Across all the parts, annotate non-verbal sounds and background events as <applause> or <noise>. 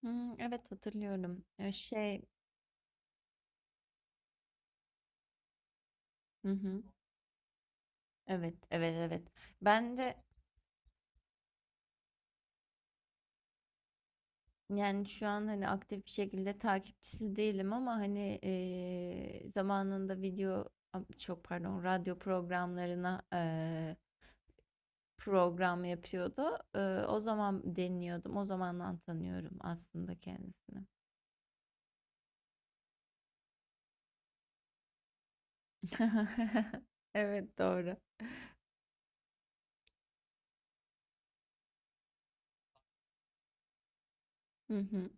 Hımm, evet hatırlıyorum. Hı hı. Evet, evet, evet. Ben de, yani, şu an, hani, aktif bir şekilde takipçisi değilim ama, hani, zamanında video am çok pardon, radyo programlarına, program yapıyordu. O zaman dinliyordum. O zamandan tanıyorum aslında kendisini. <laughs> Evet, doğru. Hı hı.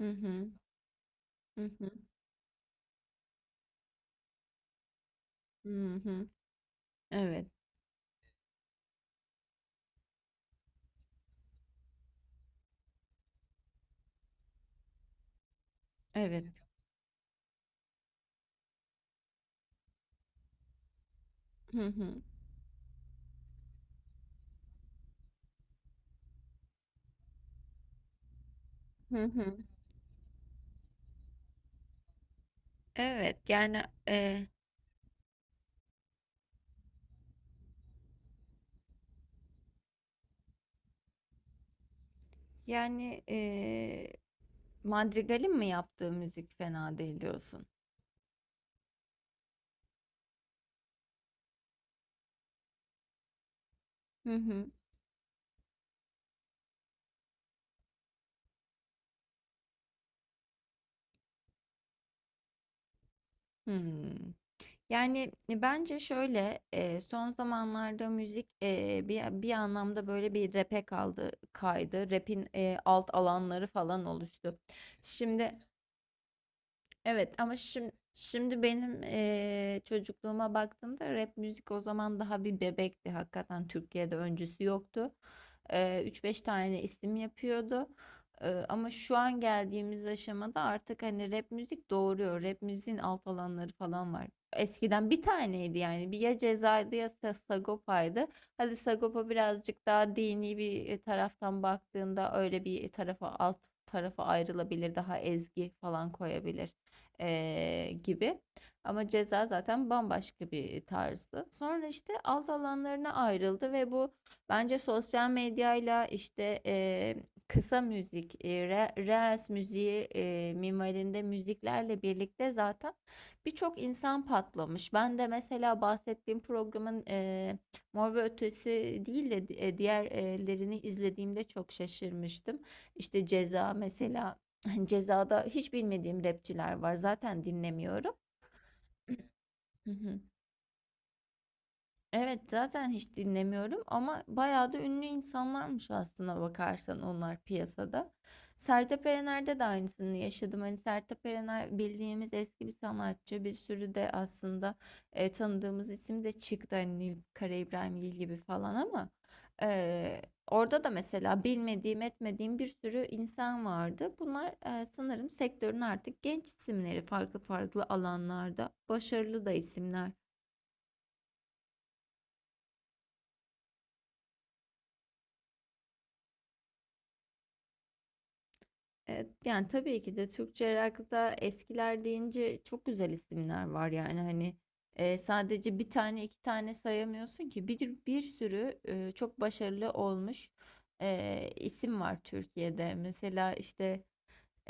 Hı hı. Hı hı. Hı hı. Evet, evet. Hı hı. Hı hı. Evet e, yani, Madrigal'in mi yaptığı müzik fena değil diyorsun. Hı hı. Hmm. Yani bence şöyle son zamanlarda müzik bir anlamda böyle bir rap'e kaldı kaydı. Rap'in alt alanları falan oluştu. Şimdi, evet, ama şimdi benim çocukluğuma baktığımda rap müzik o zaman daha bir bebekti. Hakikaten Türkiye'de öncüsü yoktu. 3-5 tane isim yapıyordu. Ama şu an geldiğimiz aşamada artık hani rap müzik doğuruyor. Rap müziğin alt alanları falan var. Eskiden bir taneydi yani. Bir ya Ceza'ydı ya Sagopa'ydı. Hadi Sagopa birazcık daha dini bir taraftan baktığında öyle bir tarafa alt tarafa ayrılabilir. Daha ezgi falan koyabilir gibi. Ama Ceza zaten bambaşka bir tarzdı. Sonra işte alt alanlarına ayrıldı ve bu bence sosyal medyayla işte kısa müzik, reels müziği minvalinde müziklerle birlikte zaten birçok insan patlamış. Ben de mesela bahsettiğim programın Mor ve Ötesi değil de diğerlerini izlediğimde çok şaşırmıştım. İşte Ceza mesela <laughs> Ceza'da hiç bilmediğim rapçiler var. Zaten dinlemiyorum. Hı hı. Evet, zaten hiç dinlemiyorum ama bayağı da ünlü insanlarmış aslına bakarsan onlar piyasada. Sertab Erener'de de aynısını yaşadım. Hani Sertab Erener bildiğimiz eski bir sanatçı. Bir sürü de aslında tanıdığımız isim de çıktı. Hani Nilüfer İbrahimgil gibi falan ama e, orada da mesela bilmediğim etmediğim bir sürü insan vardı. Bunlar, sanırım sektörün artık genç isimleri farklı farklı alanlarda. Başarılı da isimler. Evet, yani tabii ki de Türkçe rock'ta eskiler deyince çok güzel isimler var yani hani sadece bir tane iki tane sayamıyorsun ki bir sürü çok başarılı olmuş isim var Türkiye'de mesela işte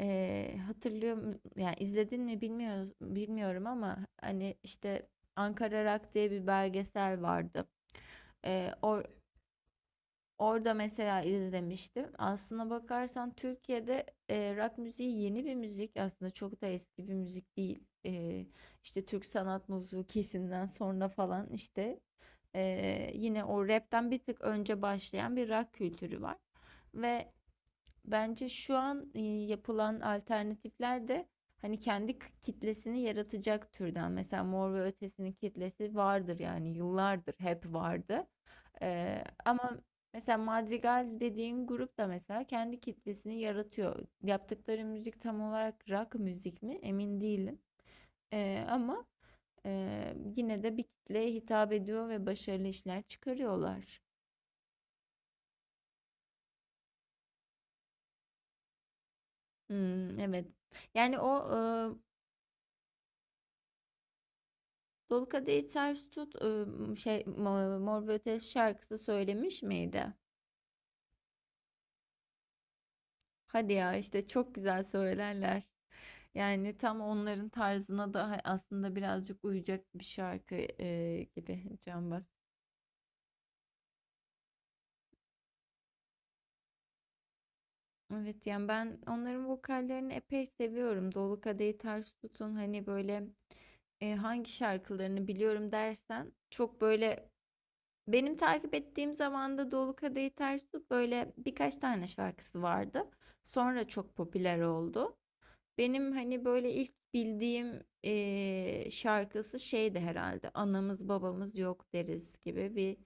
e, hatırlıyor yani izledin mi bilmiyorum ama hani işte Ankara Rock diye bir belgesel vardı. E, or- Orada mesela izlemiştim. Aslına bakarsan Türkiye'de rock müziği yeni bir müzik. Aslında çok da eski bir müzik değil. İşte Türk sanat müziği kesinden sonra falan işte yine o rapten bir tık önce başlayan bir rock kültürü var. Ve bence şu an yapılan alternatifler de hani kendi kitlesini yaratacak türden. Mesela Mor ve Ötesi'nin kitlesi vardır yani yıllardır hep vardı. Ama mesela Madrigal dediğin grup da mesela kendi kitlesini yaratıyor. Yaptıkları müzik tam olarak rock müzik mi? Emin değilim. Ama yine de bir kitleye hitap ediyor ve başarılı işler çıkarıyorlar. Hmm, evet. Yani o, Dolu Kadehi Ters Tut Mor ve Ötesi şarkısı söylemiş miydi? Hadi ya işte çok güzel söylerler. Yani tam onların tarzına da aslında birazcık uyacak bir şarkı gibi Cambaz. Evet yani ben onların vokallerini epey seviyorum. Dolu Kadehi Ters Tutun hani böyle hangi şarkılarını biliyorum dersen çok böyle benim takip ettiğim zamanda Dolu Kadehi Ters Tut böyle birkaç tane şarkısı vardı. Sonra çok popüler oldu. Benim hani böyle ilk bildiğim şarkısı şeydi herhalde. Anamız babamız yok deriz gibi bir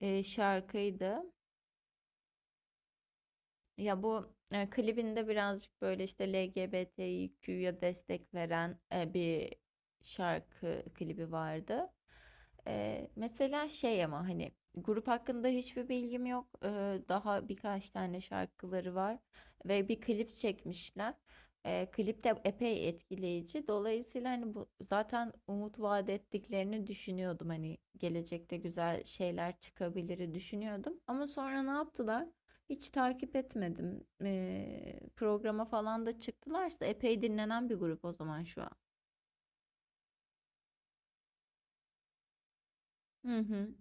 şarkıydı. Ya bu klibinde birazcık böyle işte LGBTQ'ya destek veren bir şarkı klibi vardı. Mesela şey ama hani grup hakkında hiçbir bilgim yok. Daha birkaç tane şarkıları var ve bir klip çekmişler. Klip de epey etkileyici. Dolayısıyla hani bu zaten umut vaat ettiklerini düşünüyordum. Hani gelecekte güzel şeyler çıkabilir düşünüyordum. Ama sonra ne yaptılar? Hiç takip etmedim. Programa falan da çıktılarsa epey dinlenen bir grup o zaman şu an. Hı hı.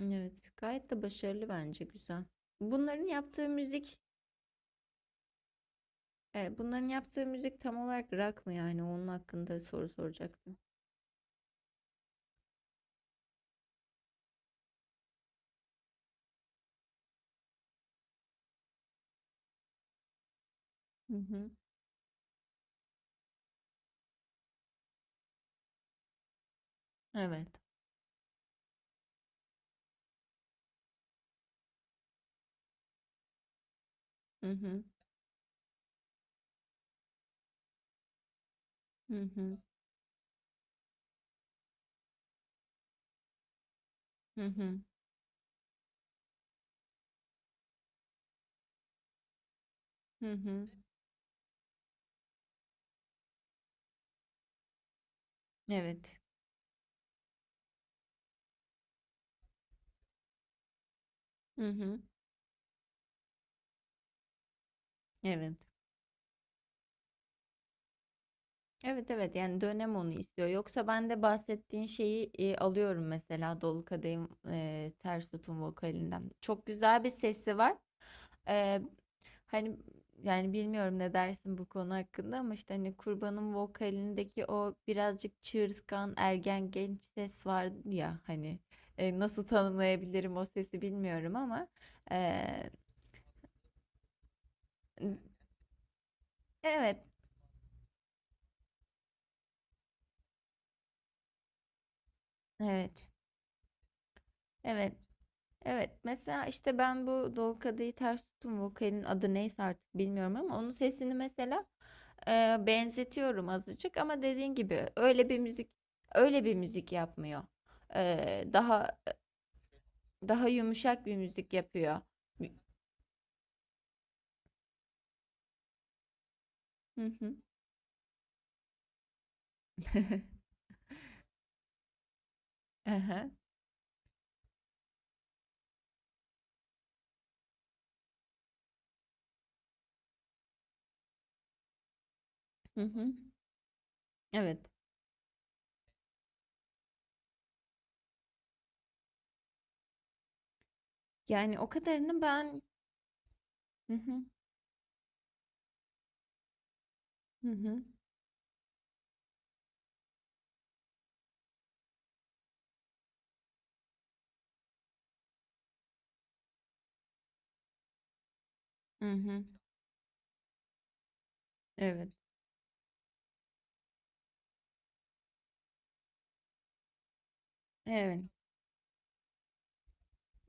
Evet, gayet de başarılı bence güzel. Bunların yaptığı müzik, Bunların yaptığı müzik tam olarak rock mı yani? Onun hakkında soru soracaktım. Hı hı. Evet. Hı hı. Hı hı. Hı hı. Hı hı. Evet. Hı hı. Evet. Evet, evet, yani dönem onu istiyor. Yoksa ben de bahsettiğin şeyi alıyorum mesela Dolu Kadehin, Ters Tutun vokalinden. Çok güzel bir sesi var. E, Hani yani bilmiyorum ne dersin bu konu hakkında ama işte hani Kurban'ın vokalindeki o birazcık çığırtkan ergen genç ses var ya hani, nasıl tanımlayabilirim o sesi bilmiyorum ama e, evet, evet, evet. Evet, mesela işte ben bu Doğu Kadehi Ters Tutun vokalinin adı neyse artık bilmiyorum ama onun sesini mesela benzetiyorum azıcık ama dediğin gibi öyle bir müzik yapmıyor. E, daha daha yumuşak bir müzik yapıyor. Hı hı. <laughs> Aha. Hı hı. Evet. Yani o kadarını ben. Hı hı hı hı. Hı hı. Evet. Evet.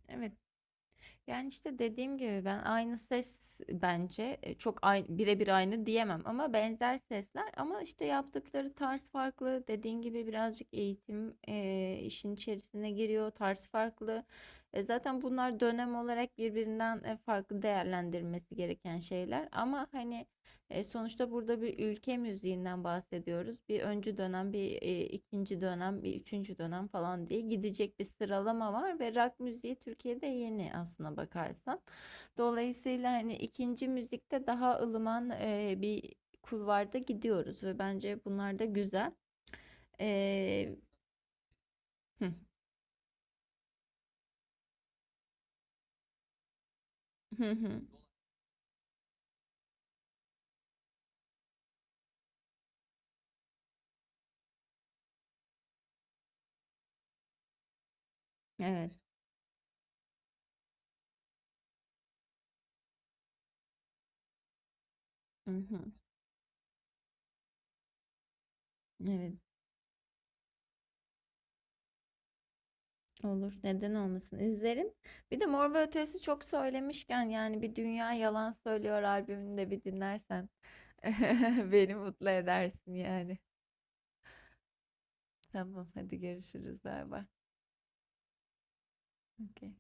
Evet. Yani işte dediğim gibi ben aynı ses bence, çok birebir aynı diyemem ama benzer sesler ama işte yaptıkları tarz farklı. Dediğin gibi birazcık eğitim işin içerisine giriyor, tarz farklı. Zaten bunlar dönem olarak birbirinden farklı değerlendirmesi gereken şeyler ama hani sonuçta burada bir ülke müziğinden bahsediyoruz. Bir öncü dönem, bir ikinci dönem, bir üçüncü dönem falan diye gidecek bir sıralama var ve rock müziği Türkiye'de yeni aslına bakarsan. Dolayısıyla hani ikinci müzikte daha ılıman bir kulvarda gidiyoruz ve bence bunlar da güzel. E, <laughs> evet. <laughs> Evet. Olur. Neden olmasın? İzlerim. Bir de Mor ve Ötesi çok söylemişken yani bir Dünya Yalan Söylüyor albümünü de bir dinlersen <laughs> beni mutlu edersin yani. Tamam, hadi görüşürüz. Bay bay. Okey.